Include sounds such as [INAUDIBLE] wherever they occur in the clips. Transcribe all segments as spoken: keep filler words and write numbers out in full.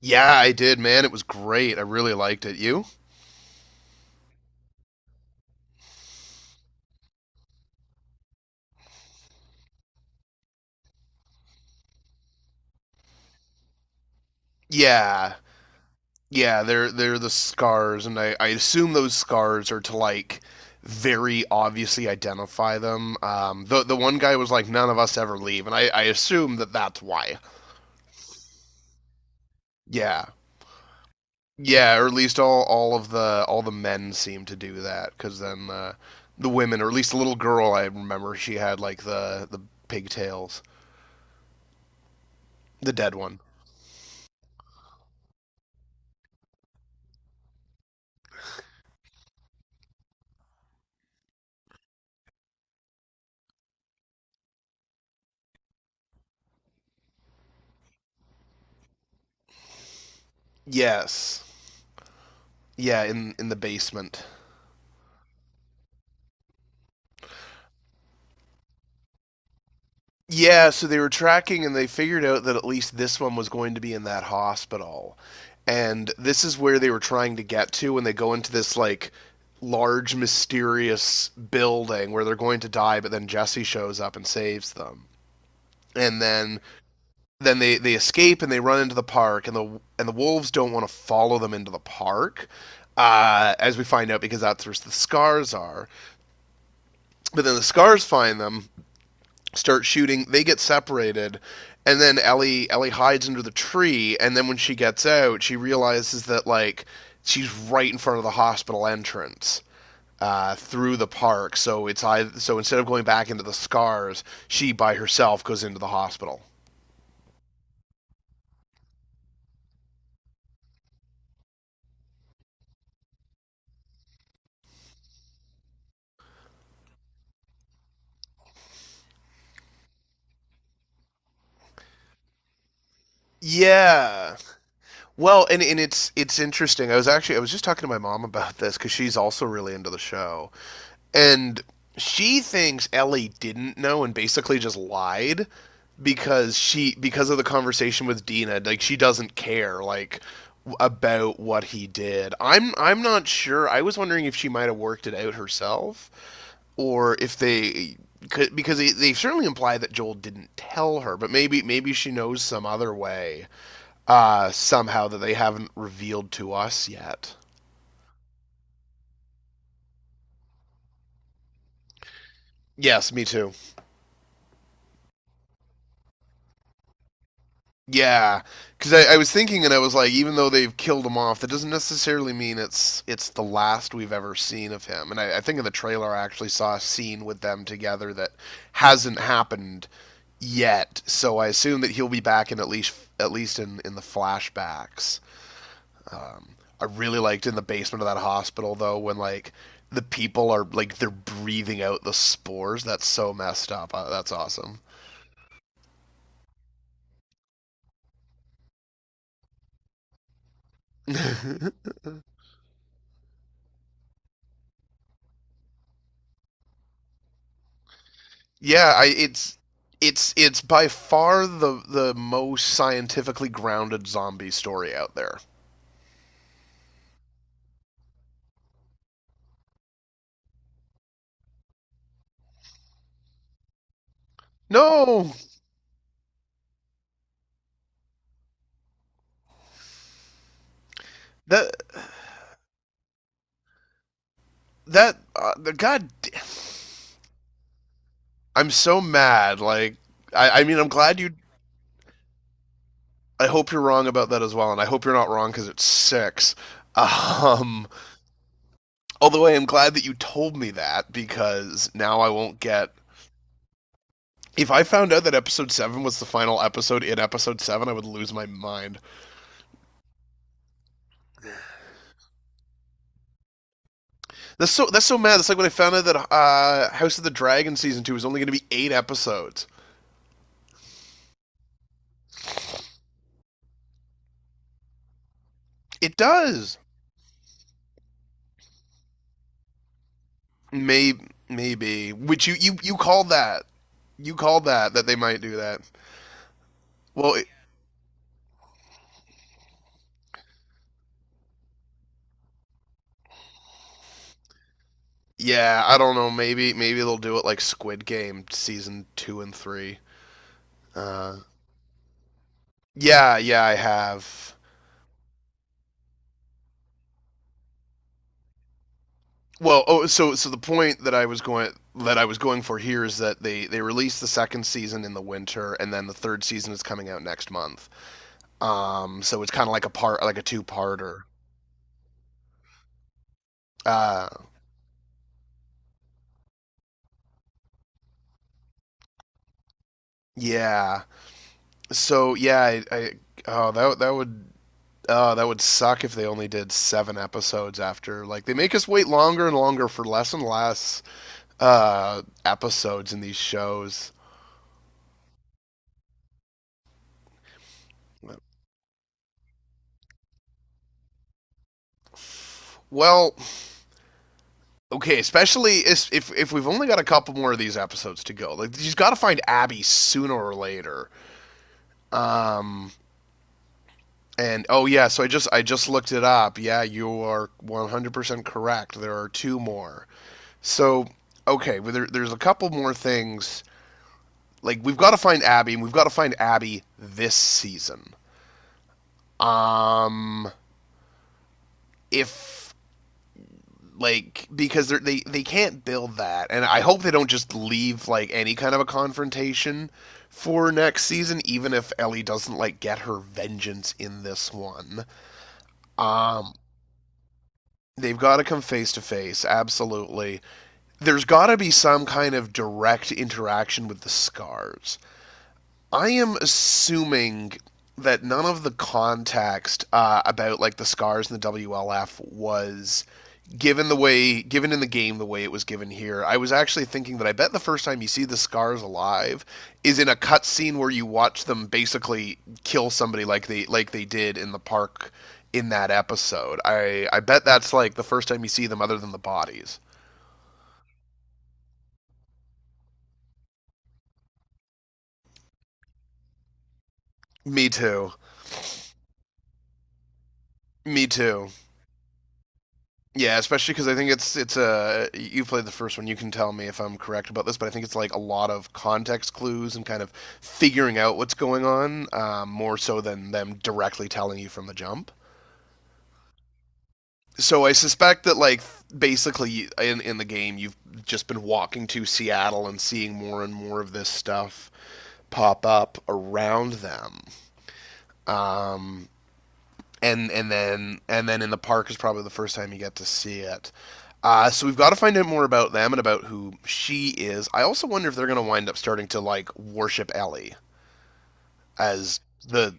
Yeah, I did, man. It was great. I really liked it. You? Yeah. Yeah, they're they're the scars and I, I assume those scars are to like very obviously identify them. Um the the one guy was like none of us ever leave and I I assume that that's why. Yeah. Yeah, or at least all all of the all the men seem to do that cuz then uh the women or at least the little girl I remember she had like the the pigtails, the dead one. Yes. Yeah, in in the basement. Yeah, so they were tracking and they figured out that at least this one was going to be in that hospital. And this is where they were trying to get to when they go into this like large mysterious building where they're going to die but then Jesse shows up and saves them. And then then they they escape and they run into the park and the and the wolves don't want to follow them into the park. Uh, as we find out, because that's where the scars are. But then the scars find them, start shooting. They get separated, and then Ellie Ellie hides under the tree. And then when she gets out, she realizes that like she's right in front of the hospital entrance uh, through the park. So it's either, so instead of going back into the scars, she by herself goes into the hospital. Yeah. Well, and, and it's it's interesting. I was actually I was just talking to my mom about this because she's also really into the show, and she thinks Ellie didn't know and basically just lied because she because of the conversation with Dina, like she doesn't care like about what he did. I'm I'm not sure. I was wondering if she might have worked it out herself or if they could because they, they certainly imply that Joel didn't tell her, but maybe maybe she knows some other way uh somehow that they haven't revealed to us yet. Yes, me too. Yeah, because I, I was thinking, and I was like, even though they've killed him off, that doesn't necessarily mean it's it's the last we've ever seen of him. And I, I think in the trailer, I actually saw a scene with them together that hasn't happened yet. So I assume that he'll be back in at least at least in in the flashbacks. Um, I really liked in the basement of that hospital though when like the people are like they're breathing out the spores. That's so messed up. Uh, that's awesome. [LAUGHS] yeah, I, it's it's it's by far the the most scientifically grounded zombie story out there. No, that that uh, the god, I'm so mad. Like, I, I mean, I'm glad you. I hope you're wrong about that as well, and I hope you're not wrong because it's six. Um, although I am glad that you told me that because now I won't get. If I found out that episode seven was the final episode in episode seven, I would lose my mind. That's so that's so mad. That's like when I found out that uh, House of the Dragon season two is only going to be eight episodes. It does. Maybe maybe which you you you called that. You called that that they might do that. Well, it- yeah, I don't know. Maybe maybe they'll do it like Squid Game season two and three. Uh, yeah, yeah, I have. Well, oh, so so the point that I was going that I was going for here is that they they released the second season in the winter, and then the third season is coming out next month. Um, so it's kind of like a part, like a two-parter. Uh, yeah. So yeah, I, I oh that that would oh that would suck if they only did seven episodes after. Like they make us wait longer and longer for less and less uh episodes in these shows. Well, okay, especially if if, if we've only got a couple more of these episodes to go. Like you've got to find Abby sooner or later. And oh yeah, so I just I just looked it up. Yeah, you are one hundred percent correct. There are two more. So okay, well, there, there's a couple more things. Like we've got to find Abby, and we've got to find Abby this season. Um, if like because they they they can't build that, and I hope they don't just leave like any kind of a confrontation for next season, even if Ellie doesn't like get her vengeance in this one. Um, they've got to come face to face, absolutely. There's got to be some kind of direct interaction with the scars. I am assuming that none of the context uh, about like the scars and the W L F was given the way given in the game the way it was given here. I was actually thinking that I bet the first time you see the scars alive is in a cutscene where you watch them basically kill somebody like they like they did in the park in that episode. I I bet that's like the first time you see them other than the bodies. Me too. Me too. Yeah, especially because I think it's it's a you played the first one. You can tell me if I'm correct about this, but I think it's like a lot of context clues and kind of figuring out what's going on, um, more so than them directly telling you from the jump. So I suspect that like basically in in the game you've just been walking to Seattle and seeing more and more of this stuff pop up around them. Um, and and then and then in the park is probably the first time you get to see it. Uh, so we've got to find out more about them and about who she is. I also wonder if they're going to wind up starting to like worship Ellie as the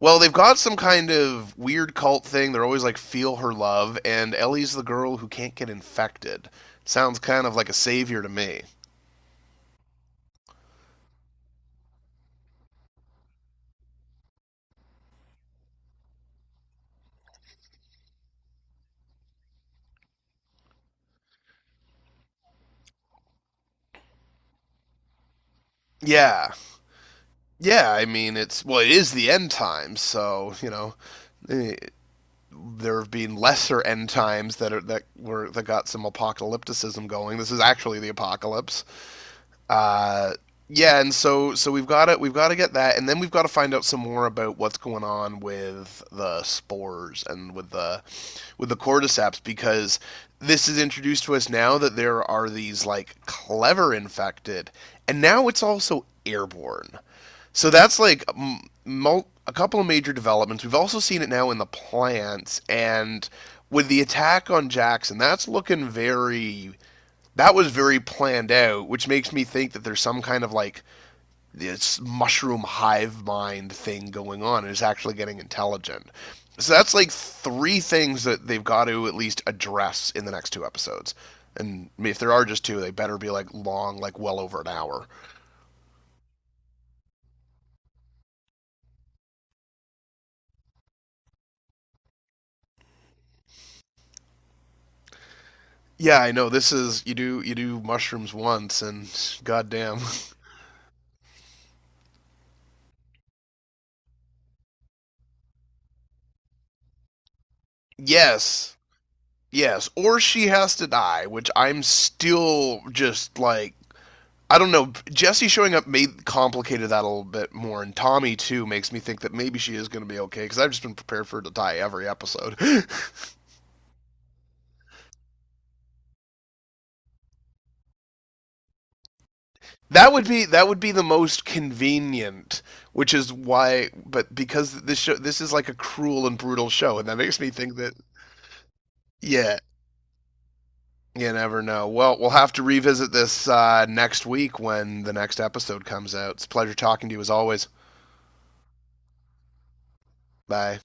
well, they've got some kind of weird cult thing. They're always like feel her love, and Ellie's the girl who can't get infected. Sounds kind of like a savior to me. Yeah. Yeah, I mean it's well it is the end times, so, you know, eh, there have been lesser end times that are that were that got some apocalypticism going. This is actually the apocalypse. Uh, yeah, and so so we've got to we've got to get that, and then we've got to find out some more about what's going on with the spores and with the with the cordyceps because this is introduced to us now that there are these like clever infected, and now it's also airborne. So that's like m- mul- a couple of major developments. We've also seen it now in the plants and with the attack on Jackson. That's looking very that was very planned out, which makes me think that there's some kind of like this mushroom hive mind thing going on and it's actually getting intelligent. So that's like three things that they've got to at least address in the next two episodes. And if there are just two, they better be like long, like well over an hour. Yeah, I know this is you do you do mushrooms once and goddamn. [LAUGHS] Yes. Yes, or she has to die, which I'm still just like I don't know. Jesse showing up made complicated that a little bit more, and Tommy too makes me think that maybe she is going to be okay because I've just been prepared for her to die every episode. [LAUGHS] that would be that would be the most convenient, which is why. But because this show this is like a cruel and brutal show, and that makes me think that yeah, you never know. Well, we'll have to revisit this uh, next week when the next episode comes out. It's a pleasure talking to you as always. Bye.